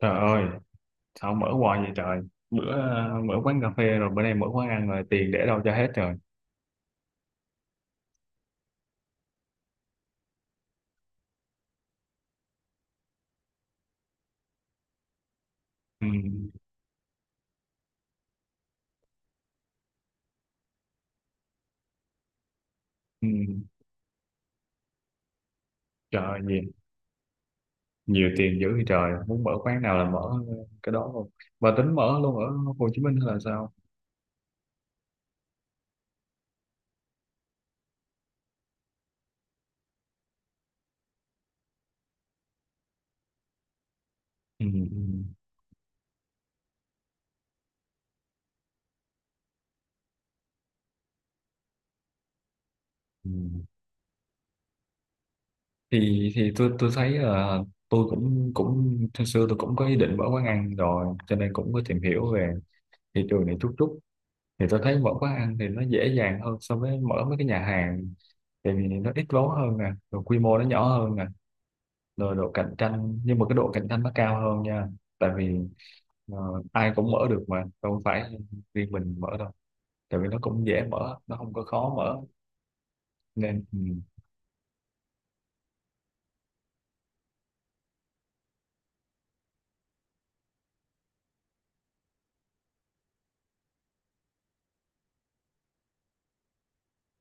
Trời ơi, sao mở hoài vậy trời? Bữa mở quán cà phê rồi bữa nay mở quán ăn rồi tiền để đâu cho hết rồi. Ừ, ừ, trời ơi, nhiều, nhiều tiền dữ vậy trời, muốn mở quán nào là mở cái đó luôn. Và tính mở luôn ở Hồ Chí Minh hay là sao? Ừ, ừ, ừ. Thì tôi thấy là tôi cũng cũng hồi xưa tôi cũng có ý định mở quán ăn rồi, cho nên cũng có tìm hiểu về thị trường này chút chút. Thì tôi thấy mở quán ăn thì nó dễ dàng hơn so với mở mấy cái nhà hàng, tại vì nó ít vốn hơn nè, rồi quy mô nó nhỏ hơn nè, rồi độ cạnh tranh, nhưng mà cái độ cạnh tranh nó cao hơn nha, tại vì ai cũng mở được mà không phải riêng mình mở đâu, tại vì nó cũng dễ mở, nó không có khó mở nên ừ.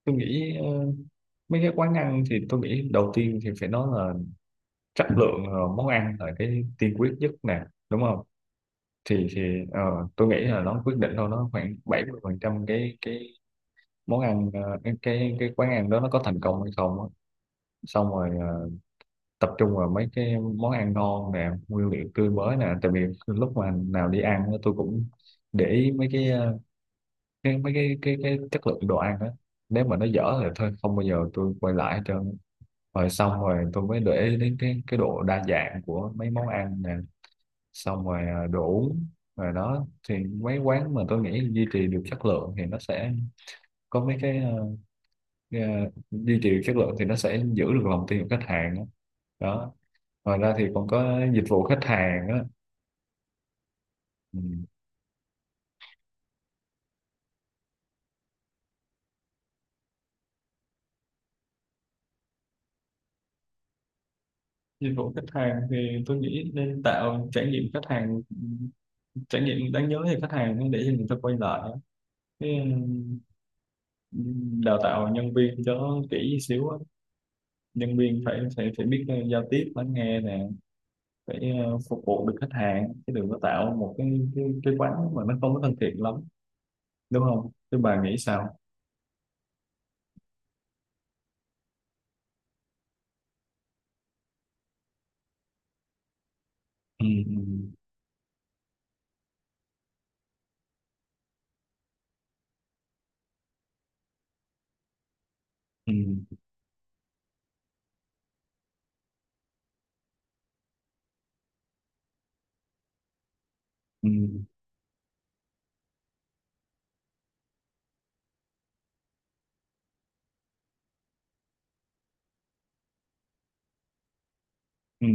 Tôi nghĩ mấy cái quán ăn thì tôi nghĩ đầu tiên thì phải nói là chất lượng món ăn là cái tiên quyết nhất nè, đúng không? Thì ờ, tôi nghĩ là nó quyết định thôi, nó khoảng 70% cái món ăn, cái quán ăn đó nó có thành công hay không á. Xong rồi tập trung vào mấy cái món ăn ngon nè, nguyên liệu tươi mới nè, tại vì lúc mà nào đi ăn á, tôi cũng để ý mấy cái mấy cái chất lượng đồ ăn đó, nếu mà nó dở thì thôi không bao giờ tôi quay lại hết trơn. Rồi xong rồi tôi mới để ý đến cái độ đa dạng của mấy món ăn nè, xong rồi đồ uống. Rồi đó, thì mấy quán mà tôi nghĩ duy trì được chất lượng thì nó sẽ có mấy duy trì được chất lượng thì nó sẽ giữ được lòng tin của khách hàng đó. Đó, ngoài ra thì còn có dịch vụ khách hàng á. Ừ. Dịch vụ khách hàng thì tôi nghĩ nên tạo trải nghiệm khách hàng, trải nghiệm đáng nhớ thì khách hàng để cho người ta quay lại cái đào tạo nhân viên cho kỹ xíu á. Nhân viên phải phải phải biết giao tiếp, lắng nghe nè, phải phục vụ được khách hàng, chứ đừng có tạo một cái quán mà nó không có thân thiện lắm, đúng không? Chứ bà nghĩ sao? Ừ, ừ, ừ, ừ,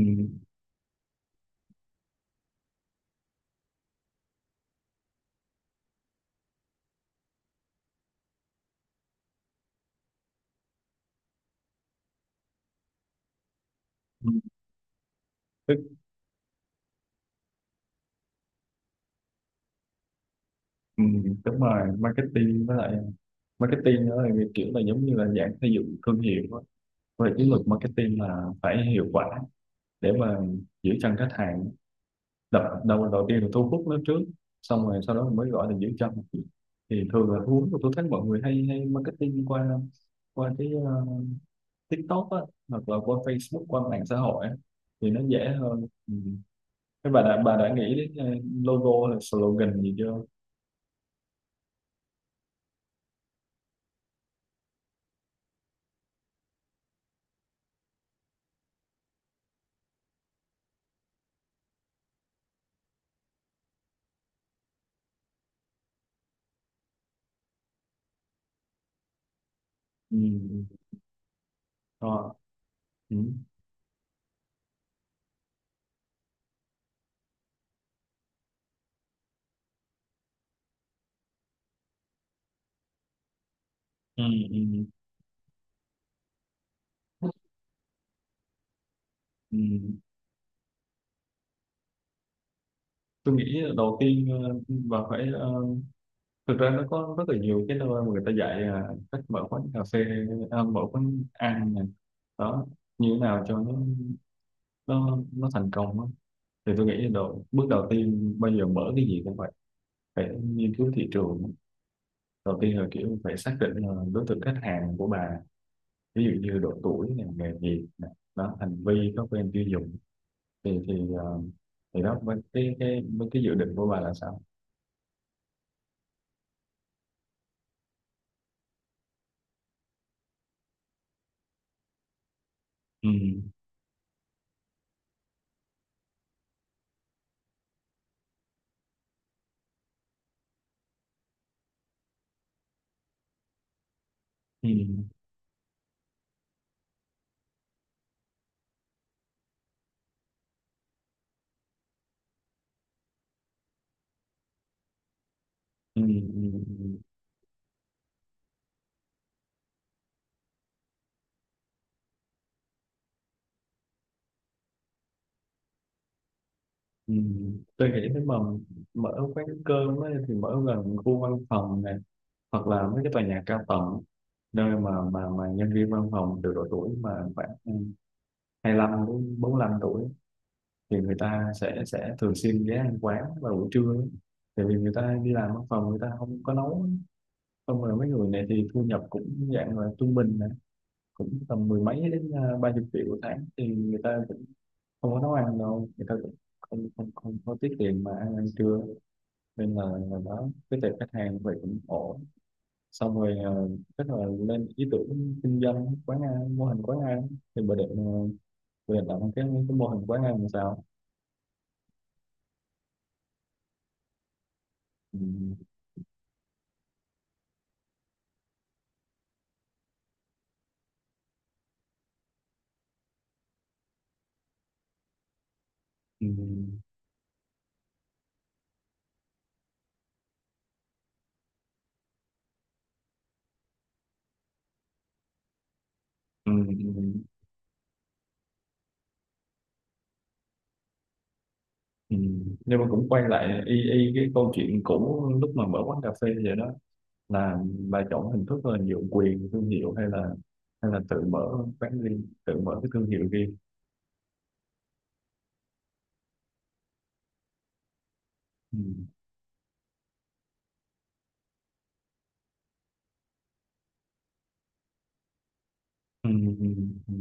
ừ. tức đúng rồi, marketing với lại marketing đó thì kiểu là giống như là dạng xây dựng thương hiệu đó. Về chiến lược marketing là phải hiệu quả để mà giữ chân khách hàng. Đập đầu đầu tiên là thu hút nó trước, xong rồi sau đó mới gọi là giữ chân. Thì thường là thu hút tôi thấy mọi người hay hay marketing qua qua cái TikTok á, hoặc là qua Facebook, qua mạng xã hội á, thì nó dễ hơn ừ. Thế bà đã nghĩ đến logo là slogan gì chưa? Ừ. Ừ. Ờ. Ừ. Ừ. Ừ. Ừ. Ừ. Tôi nghĩ đầu tiên bà phải thực ra nó có rất là nhiều cái nơi mà người ta dạy cách mở quán cà phê, à, mở quán ăn này đó, như thế nào cho nó thành công á. Thì tôi nghĩ đầu bước đầu tiên bây giờ mở cái gì cũng phải, phải nghiên cứu thị trường. Đầu tiên là kiểu phải xác định là đối tượng khách hàng của bà, ví dụ như độ tuổi này, nghề nghiệp này đó, hành vi, thói quen tiêu dùng. Thì thì ờ, thì đó với cái với cái dự định của bà là sao? Ừ. Ừ. Ừ, ừ, ừ, ừ. Tôi nghĩ nếu mà mở quán cơm ấy, thì mở gần khu văn phòng này, hoặc là mấy cái tòa nhà cao tầng, nơi mà nhân viên văn phòng từ độ tuổi mà khoảng 25 đến 45 tuổi, thì người ta sẽ thường xuyên ghé ăn quán vào buổi trưa ấy. Tại vì người ta đi làm văn phòng người ta không có nấu, xong rồi mấy người này thì thu nhập cũng dạng là trung bình này, cũng tầm mười mấy đến 30 triệu một tháng, thì người ta không có nấu ăn đâu, người ta cũng không không không có tiết kiệm mà ăn ăn trưa, nên là đó cái tệp khách hàng vậy cũng ổn. Xong rồi chắc là lên ý tưởng kinh doanh quán ăn, mô hình quán ăn. Thì bà định làm cái mô hình quán ăn làm sao? Ừ, ừ, ừ, ừ, ừ. Nhưng mà cũng quay lại y y cái câu chuyện cũ lúc mà mở quán cà phê vậy đó, là bà chọn hình thức là nhượng quyền thương hiệu, hay là tự mở quán riêng, tự mở cái thương hiệu riêng? Ừ. Ừ, ừ, ừ,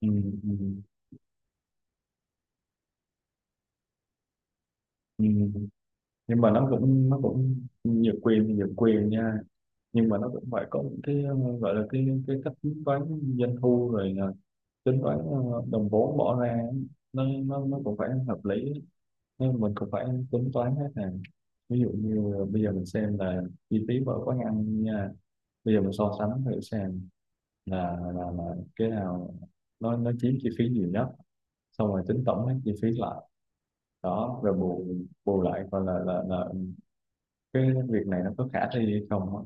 ừ, ừ, ừ. Nhưng mà nó cũng nhiều quyền thì nhiều quyền nha, nhưng mà nó cũng phải có những cái gọi là cái cách tính toán doanh thu, rồi là tính toán đồng vốn bỏ ra ấy. Nó cũng phải hợp lý, nên mình cũng phải tính toán hết nè. Ví dụ như bây giờ mình xem là chi phí mỗi quán ăn nha, bây giờ mình so sánh thử xem là cái nào nó chiếm chi phí nhiều nhất, xong rồi tính tổng hết chi phí lại đó, rồi bù bù lại coi là cái việc này nó có khả thi hay không á.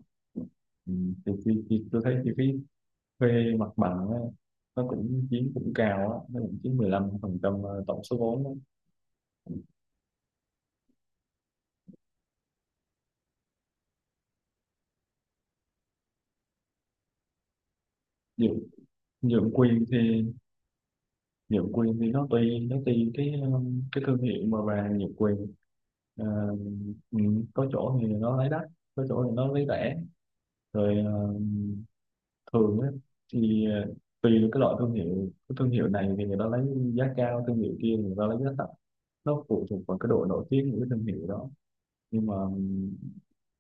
Ừ. thì tôi thấy chi phí thuê mặt bằng á, nó cũng chiếm cũng cao á, nó cũng chiếm 15% tổng số vốn á. Nhượng nhượng quyền thì, nhượng quyền thì nó tùy, cái thương hiệu mà bà nhượng quyền. Ờ, ừ. Có chỗ thì nó lấy đắt, có chỗ thì nó lấy rẻ, rồi thường á, thì tùy vào cái loại thương hiệu. Cái thương hiệu này thì người ta lấy giá cao, thương hiệu kia người ta lấy giá thấp, nó phụ thuộc vào cái độ nổi tiếng của cái thương hiệu đó. Nhưng mà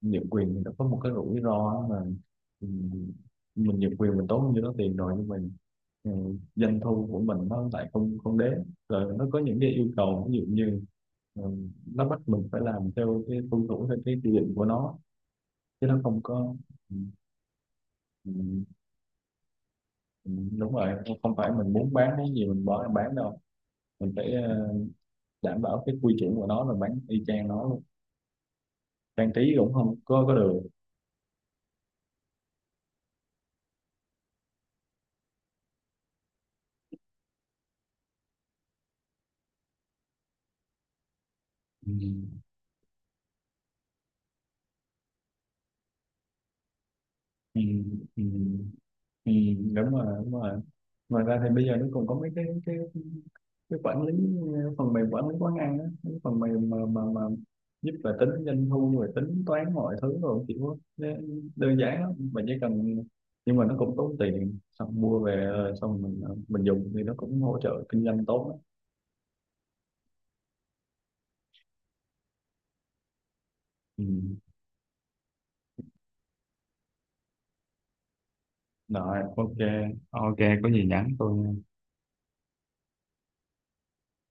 nhượng quyền thì nó có một cái rủi ro là ừm, mình nhượng quyền mình tốn như đó tiền rồi, nhưng mình, ừ, doanh thu của mình nó lại không không đến. Rồi nó có những cái yêu cầu, ví dụ như ừ, nó bắt mình phải làm theo cái tuân thủ theo cái quy định của nó, chứ nó không có ừ, ừ. Đúng rồi, không không phải mình muốn bán cái gì mình bỏ ra bán đâu, mình phải đảm bảo cái quy chuẩn của nó, rồi bán y chang nó luôn, trang trí cũng không có được. Ừ, ừ, ừ, ừ, đúng rồi, đúng rồi. Ngoài ra thì bây giờ nó còn có mấy cái quản lý, phần mềm quản lý quán ăn á, cái phần mềm mà giúp là tính doanh thu, rồi tính toán mọi thứ, rồi kiểu đơn giản lắm mình chỉ cần. Nhưng mà nó cũng tốn tiền, xong mua về xong mình dùng thì nó cũng hỗ trợ kinh doanh tốt. Ừ. Rồi, ok. Ok, có gì nhắn tôi nha.